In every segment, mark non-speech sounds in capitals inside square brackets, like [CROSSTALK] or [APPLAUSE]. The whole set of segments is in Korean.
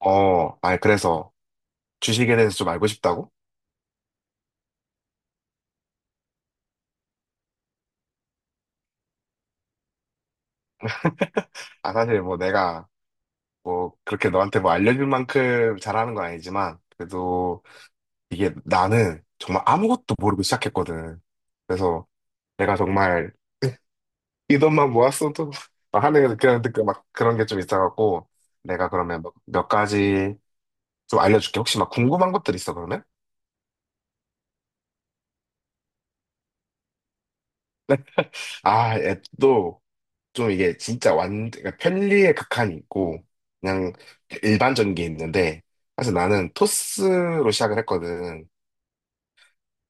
어, 아니, 그래서 주식에 대해서 좀 알고 싶다고? 아, 사실 뭐 내가 뭐 그렇게 너한테 뭐 알려줄 만큼 잘하는 건 아니지만, 그래도 이게 나는 정말 아무것도 모르고 시작했거든. 그래서 내가 정말 이 돈만 모았어도 [LAUGHS] 막 하는 그런, 막 그런 게 좀 있어갖고, 내가 그러면 몇 가지 좀 알려줄게. 혹시 막 궁금한 것들 있어, 그러면? 아, 앱도 좀 이게 진짜 그러니까 편리의 극한이 있고, 그냥 일반적인 게 있는데, 사실 나는 토스로 시작을 했거든.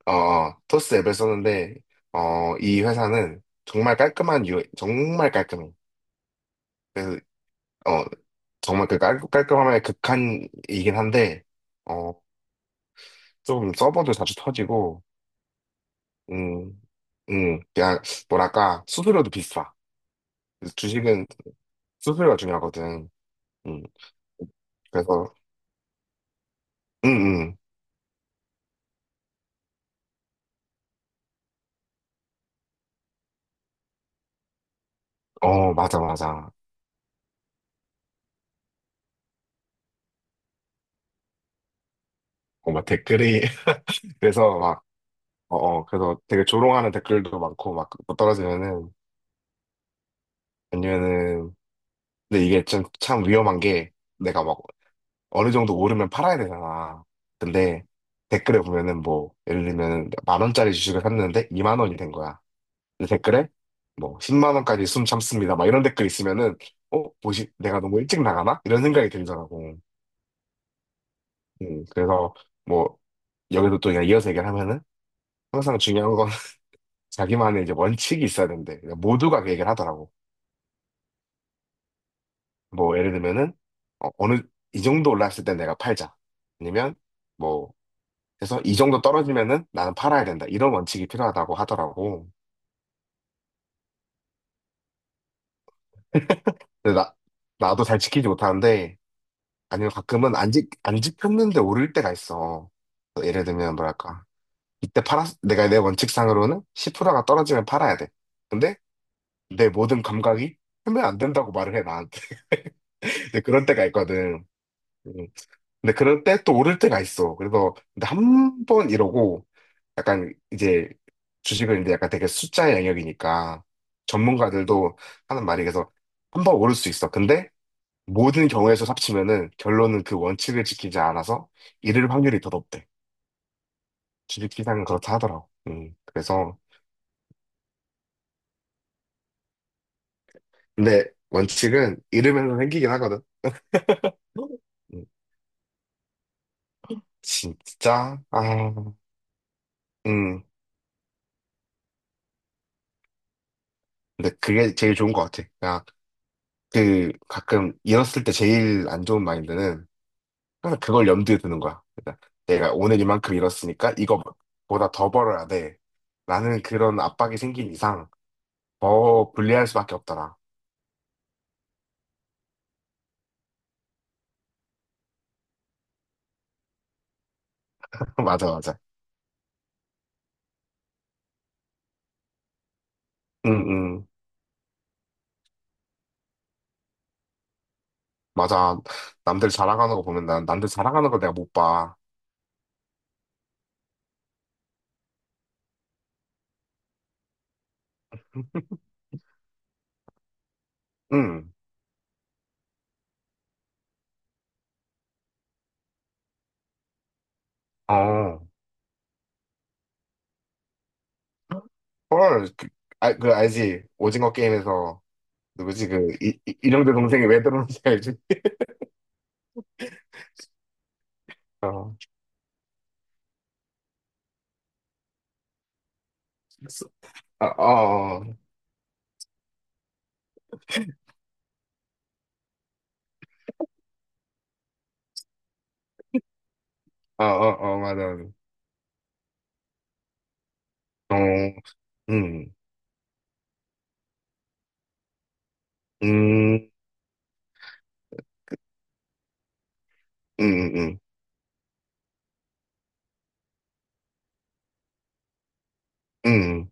토스 앱을 썼는데, 어, 이 회사는 정말 정말 깔끔해. 그래서, 어, 정말 그 깔끔함의 극한이긴 한데, 어, 좀 서버도 자주 터지고, 음, 그냥, 뭐랄까, 수수료도 비싸. 그래서 주식은 수수료가 중요하거든. 음, 그래서, 음, 음. 어, 맞아, 맞아. 어, 막 댓글이, [LAUGHS] 그래서 막, 그래서 되게 조롱하는 댓글도 많고, 막, 그거 떨어지면은, 아니면은, 근데 이게 좀, 참 위험한 게, 내가 막, 어느 정도 오르면 팔아야 되잖아. 근데, 댓글에 보면은 뭐, 예를 들면 만 원짜리 주식을 샀는데, 2만 원이 된 거야. 근데 댓글에, 뭐, 10만 원까지 숨 참습니다. 막 이런 댓글 있으면은, 어, 뭐지, 내가 너무 일찍 나가나? 이런 생각이 들더라고. 그래서, 뭐, 여기도 또 그냥 이어서 얘기를 하면은, 항상 중요한 건 자기만의 이제 원칙이 있어야 된대. 그러니까 모두가 그 얘기를 하더라고. 뭐, 예를 들면은, 어, 어느, 이 정도 올랐을 때 내가 팔자. 아니면, 뭐, 해서 이 정도 떨어지면은 나는 팔아야 된다. 이런 원칙이 필요하다고 하더라고. 근데 나도 잘 지키지 못하는데, 아니면 가끔은 안 지켰는데 오를 때가 있어. 예를 들면, 뭐랄까. 이때 팔았, 내가 내 원칙상으로는 10%가 떨어지면 팔아야 돼. 근데 내 모든 감각이 하면 안 된다고 말을 해, 나한테. [LAUGHS] 근데 그럴 때가 있거든. 음. 근데 그럴 때 또 오를 때가 있어. 그래서 근데 한 번 이러고 약간 이제 주식은 이제 약간 되게 숫자의 영역이니까 전문가들도 하는 말이 그래서 한 번 오를 수 있어. 근데 모든 경우에서 합치면은 결론은 그 원칙을 지키지 않아서 이를 확률이 더 높대. 주식 시장은 그렇다 하더라고. 그래서 근데 원칙은 잃으면서 생기긴 하거든. 음, 진짜 아, 음, 근데 그게 제일 좋은 것 같아. 아, 그 가끔 잃었을 때 제일 안 좋은 마인드는 항상 그걸 염두에 두는 거야. 그러니까 내가 오늘 이만큼 잃었으니까 이거보다 더 벌어야 돼. 라는 그런 압박이 생긴 이상 더 불리할 수밖에 없더라. [LAUGHS] 맞아, 맞아. 응, 응. 맞아. 남들 자랑하는 거 보면 난 남들 자랑하는 거 내가 못 봐. [LAUGHS] 응. 어. 헐. 그, 아, 그 알지? 오징어 게임에서 누구지? 그 이령대 동생이 왜 들어오는지 알지? [LAUGHS] 어. 아, 어. 어, 어, 어, 맞아, 맞아. 어, 음, 음, 음, 음, 음,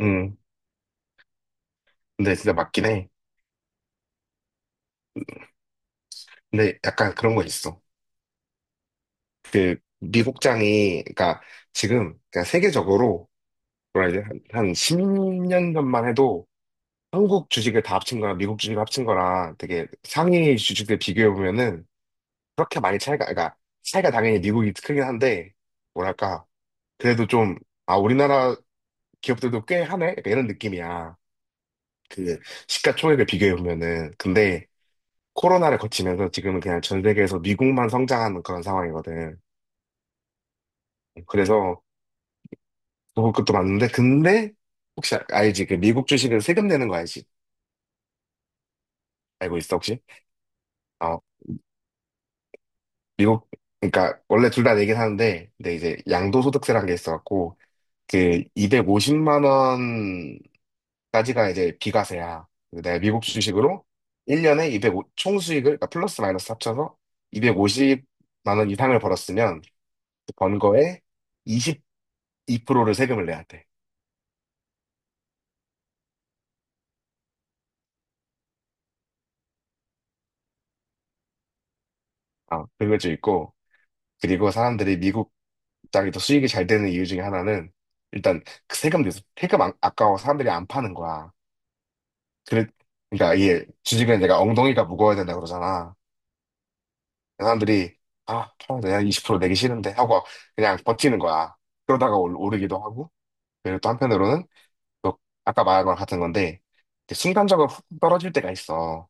음. 근데 진짜 맞긴 해. 근데 약간 그런 거 있어. 미국장이, 그러니까 지금, 그러니까 세계적으로, 뭐라 이제 한, 한 10년 전만 해도 한국 주식을 다 합친 거랑 미국 주식을 합친 거랑 되게 상위 주식들 비교해보면은 그렇게 많이 차이가, 그러니까 차이가 당연히 미국이 크긴 한데, 뭐랄까, 그래도 좀, 아, 우리나라 기업들도 꽤 하네? 약간 이런 느낌이야. 그 시가총액을 비교해 보면은 근데 코로나를 거치면서 지금은 그냥 전 세계에서 미국만 성장하는 그런 상황이거든. 그래서 그것도 많은데 근데 혹시 알지? 그 미국 주식은 세금 내는 거 알지? 알고 있어 혹시? 어 미국 그러니까 원래 둘 다 내긴 하는데 근데 이제 양도소득세라는 게 있어갖고 그 250만 원까지가 이제 비과세야. 근데 내가 미국 주식으로 1년에 2 0 총수익을, 그러니까 플러스 마이너스 합쳐서 250만 원 이상을 벌었으면 번 거에 22%를 세금을 내야 돼. 아, 그것도 있고, 그리고 사람들이 미국 땅이 더 수익이 잘 되는 이유 중에 하나는, 일단, 그 세금 내서, 세금 안- 아까워 사람들이 안 파는 거야. 그래, 그러니까 이게 주식은 내가 엉덩이가 무거워야 된다 그러잖아. 사람들이, 아, 팔아 내가 20% 내기 싫은데 하고 그냥 버티는 거야. 그러다가 오르기도 하고, 그리고 또 한편으로는, 또 아까 말한 거랑 같은 건데, 이제 순간적으로 훅 떨어질 때가 있어.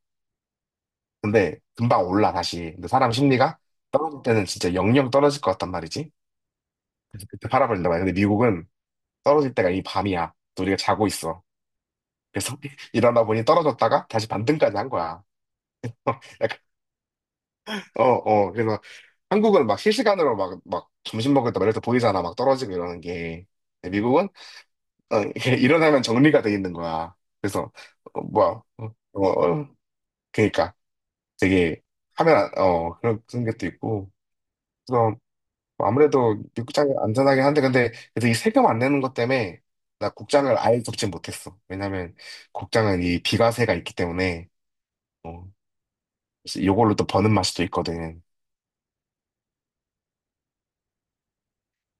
근데 금방 올라 다시. 근데 사람 심리가 떨어질 때는 진짜 영영 떨어질 것 같단 말이지. 그래서 그때 팔아버린단 말이야. 근데 미국은 떨어질 때가 이 밤이야. 또 우리가 자고 있어. 그래서 [LAUGHS] 일어나 보니 떨어졌다가 다시 반등까지 한 거야. [LAUGHS] 약간 어, 어. 그래서 한국은 막 실시간으로 막, 막 점심 먹을 때 이렇게 보이잖아. 막 떨어지고 이러는 게. 근데 미국은 어, 이렇게 [LAUGHS] 일어나면 정리가 돼 있는 거야. 그래서 어, 뭐야. 어, 어, 어. 그러니까 되게 하면 안- 어 그런 그런 것도 있고. 뭐 아무래도 미국장이 안전하긴 한데, 근데, 그래서 이 세금 안 내는 것 때문에, 나 국장을 아예 접지 못했어. 왜냐면, 국장은 이 비과세가 있기 때문에, 어, 그래서 요걸로 또 버는 맛이 또 있거든.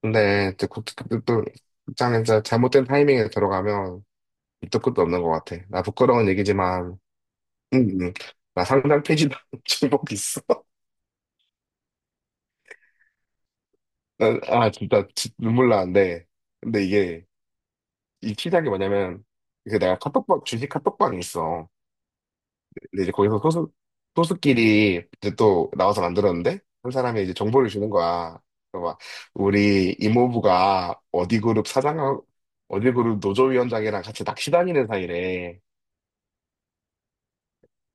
근데, 또 국장에 진짜 잘못된 타이밍에 들어가면, 밑도 끝도 없는 것 같아. 나 부끄러운 얘기지만, 음. 나 상장 폐지 [LAUGHS] 중복 있어. 눈물 나는데. 근데 이게, 이 시작이 뭐냐면, 그 내가 카톡방, 주식 카톡방이 있어. 근데 이제 거기서 소수끼리 이제 또 나와서 만들었는데, 한 사람이 이제 정보를 주는 거야. 그래서 막, 우리 이모부가 어디 그룹 사장, 어디 그룹 노조위원장이랑 같이 낚시 다니는 사이래.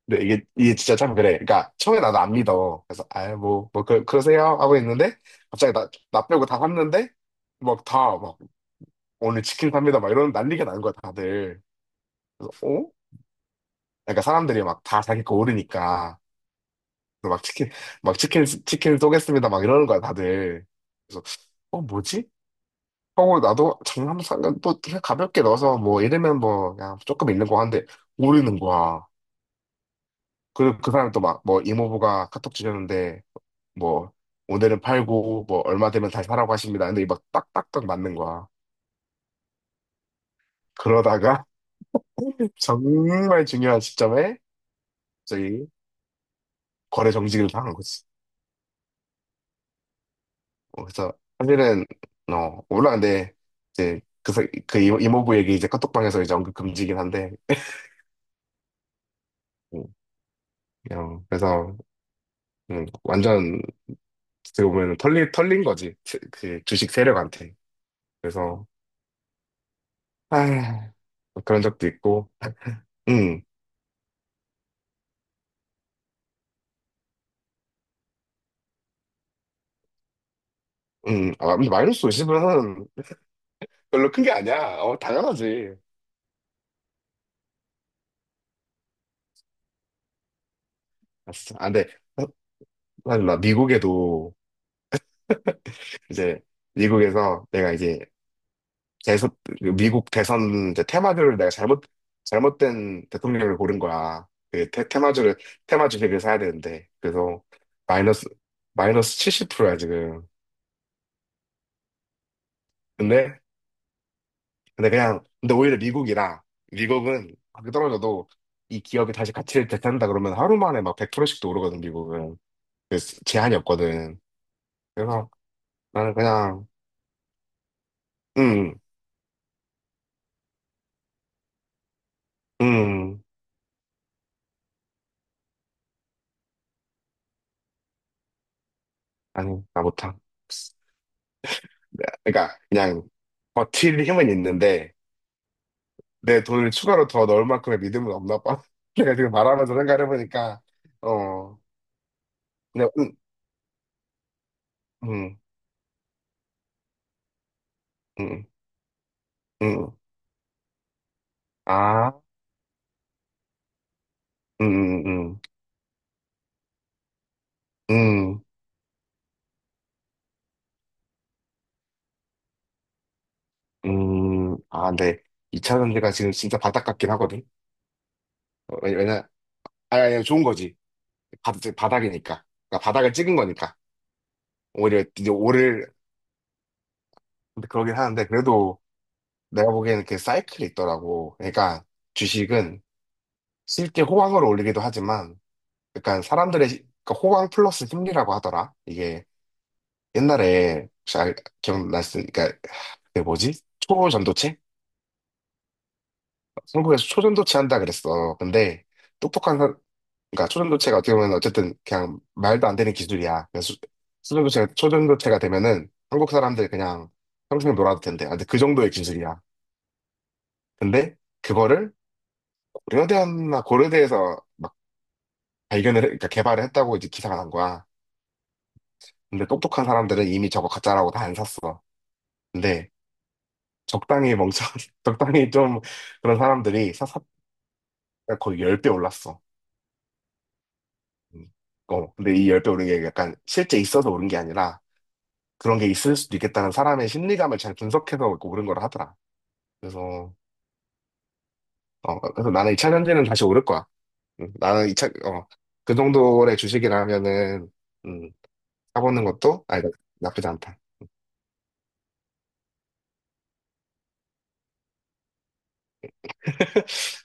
근데 이게, 이게 진짜 참 그래. 그러니까, 처음에 나도 안 믿어. 그래서, 아, 뭐, 뭐, 그, 그러세요? 하고 있는데, 갑자기 나 빼고 다 샀는데, 막 다, 막, 오늘 치킨 삽니다. 막 이런 난리가 난 거야, 다들. 그래서, 어? 그러니까 사람들이 막 다 자기 거 오르니까. 그래서 막 치킨, 막 치킨, 치킨 쏘겠습니다. 막 이러는 거야, 다들. 그래서, 어, 뭐지? 하고 나도 장난 삼간 또 그냥 가볍게 넣어서 뭐 이러면 뭐 그냥 조금 있는 거 하는데 오르는 거야. 그리고 그 사람이 또 막 뭐 이모부가 카톡 주셨는데 뭐 오늘은 팔고 뭐 얼마 되면 다시 사라고 하십니다. 근데 막 딱딱딱 맞는 거야. 그러다가 [LAUGHS] 정말 중요한 시점에 저희 거래 정지를 당한 거지. 어, 그래서 사실은 어 물론 근데 이제 그 이모부 얘기 이제 카톡방에서 이제 언급 금지긴 한데 음, 그냥 그래서 완전 어떻게 보면 털린 거지 그 주식 세력한테 그래서 아 그런 적도 있고 음, 아, 근데 마이너스 50은 별로 큰 게 아니야. 어, 당연하지. 아, 진짜. 아, 근데, 사실 나 미국에도, 이제, 미국에서 내가 이제 대선, 미국 대선 이제 테마주를 내가 잘못된 대통령을 고른 거야. 그 테마 주식을 사야 되는데. 그래서 마이너스, 마이너스 70%야, 지금. 근데, 근데 그냥, 근데 오히려 미국이라, 미국은 그렇게 떨어져도 이 기업이 다시 가치를 되찾는다 그러면 하루 만에 막 100%씩도 오르거든, 미국은. 그래서 제한이 없거든. 그래서 나는 그냥, 음, 음, 아니, 나 못함. 그러니까 그냥 버틸 힘은 있는데, 내 돈을 추가로 더 넣을 만큼의 믿음은 없나 봐. [LAUGHS] 내가 지금 말하면서 생각해보니까, 어, 그 응, 응, 응, 응. 아, 응, 응, 응, 응, 응. 아, 네. 2차 전지가 지금 진짜 바닥 같긴 하거든. 어, 아니, 아니, 좋은 거지. 바닥이니까. 그러니까 바닥을 찍은 거니까. 오히려 이제 오를, 근데 그러긴 하는데, 그래도 내가 보기에는 그 사이클이 있더라고. 그러니까 주식은 실제 호황을 올리기도 하지만, 약간 그러니까 호강 플러스 심리라고 하더라. 이게 옛날에 혹시 알, 기억났으니까 그러니까 그게 뭐지? 초전도체? 한국에서 초전도체 한다 그랬어. 근데 똑똑한 사 그러니까 초전도체가 어떻게 보면 어쨌든 그냥 말도 안 되는 기술이야. 그래서 초전도체가 되면은 한국 사람들 그냥 평생 놀아도 된대. 아, 근데 그 정도의 기술이야. 근데 그거를 고려대였나 고려대에서 막 그러니까 개발을 했다고 이제 기사가 난 거야. 근데 똑똑한 사람들은 이미 저거 가짜라고 다 안 샀어. 근데 적당히 멍청, [LAUGHS] 적당히 좀 그런 사람들이 사사 거의 10배 올랐어. 음. 어, 근데 이 10배 오른 게 약간 실제 있어서 오른 게 아니라 그런 게 있을 수도 있겠다는 사람의 심리감을 잘 분석해서 오른 거라 하더라. 그래서, 어, 그래서 나는 2차 전지는 다시 오를 거야. 나는 이 차 어, 그 정도의 주식이라면은, 음, 사보는 것도, 아니, 나- 나쁘지 않다.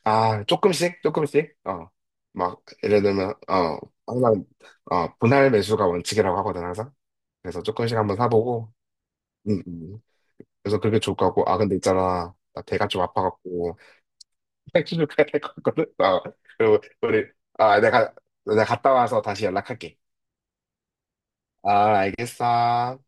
아, 조금씩, 조금씩, 어, 막, 예를 들면, 어, 항상, 어, 분할 매수가 원칙이라고 하거든, 항상. 그래서 조금씩 한번 사보고, 음, 음. 그래서 그게 좋을 것 같고, 아, 근데 있잖아. 나 배가 좀 아파갖고, [LAUGHS] 맥주를 가야 될 것 같거든. 어. 그리고 우리, 아, 내가, 내가 갔다 와서 다시 연락할게. 아, 알겠어.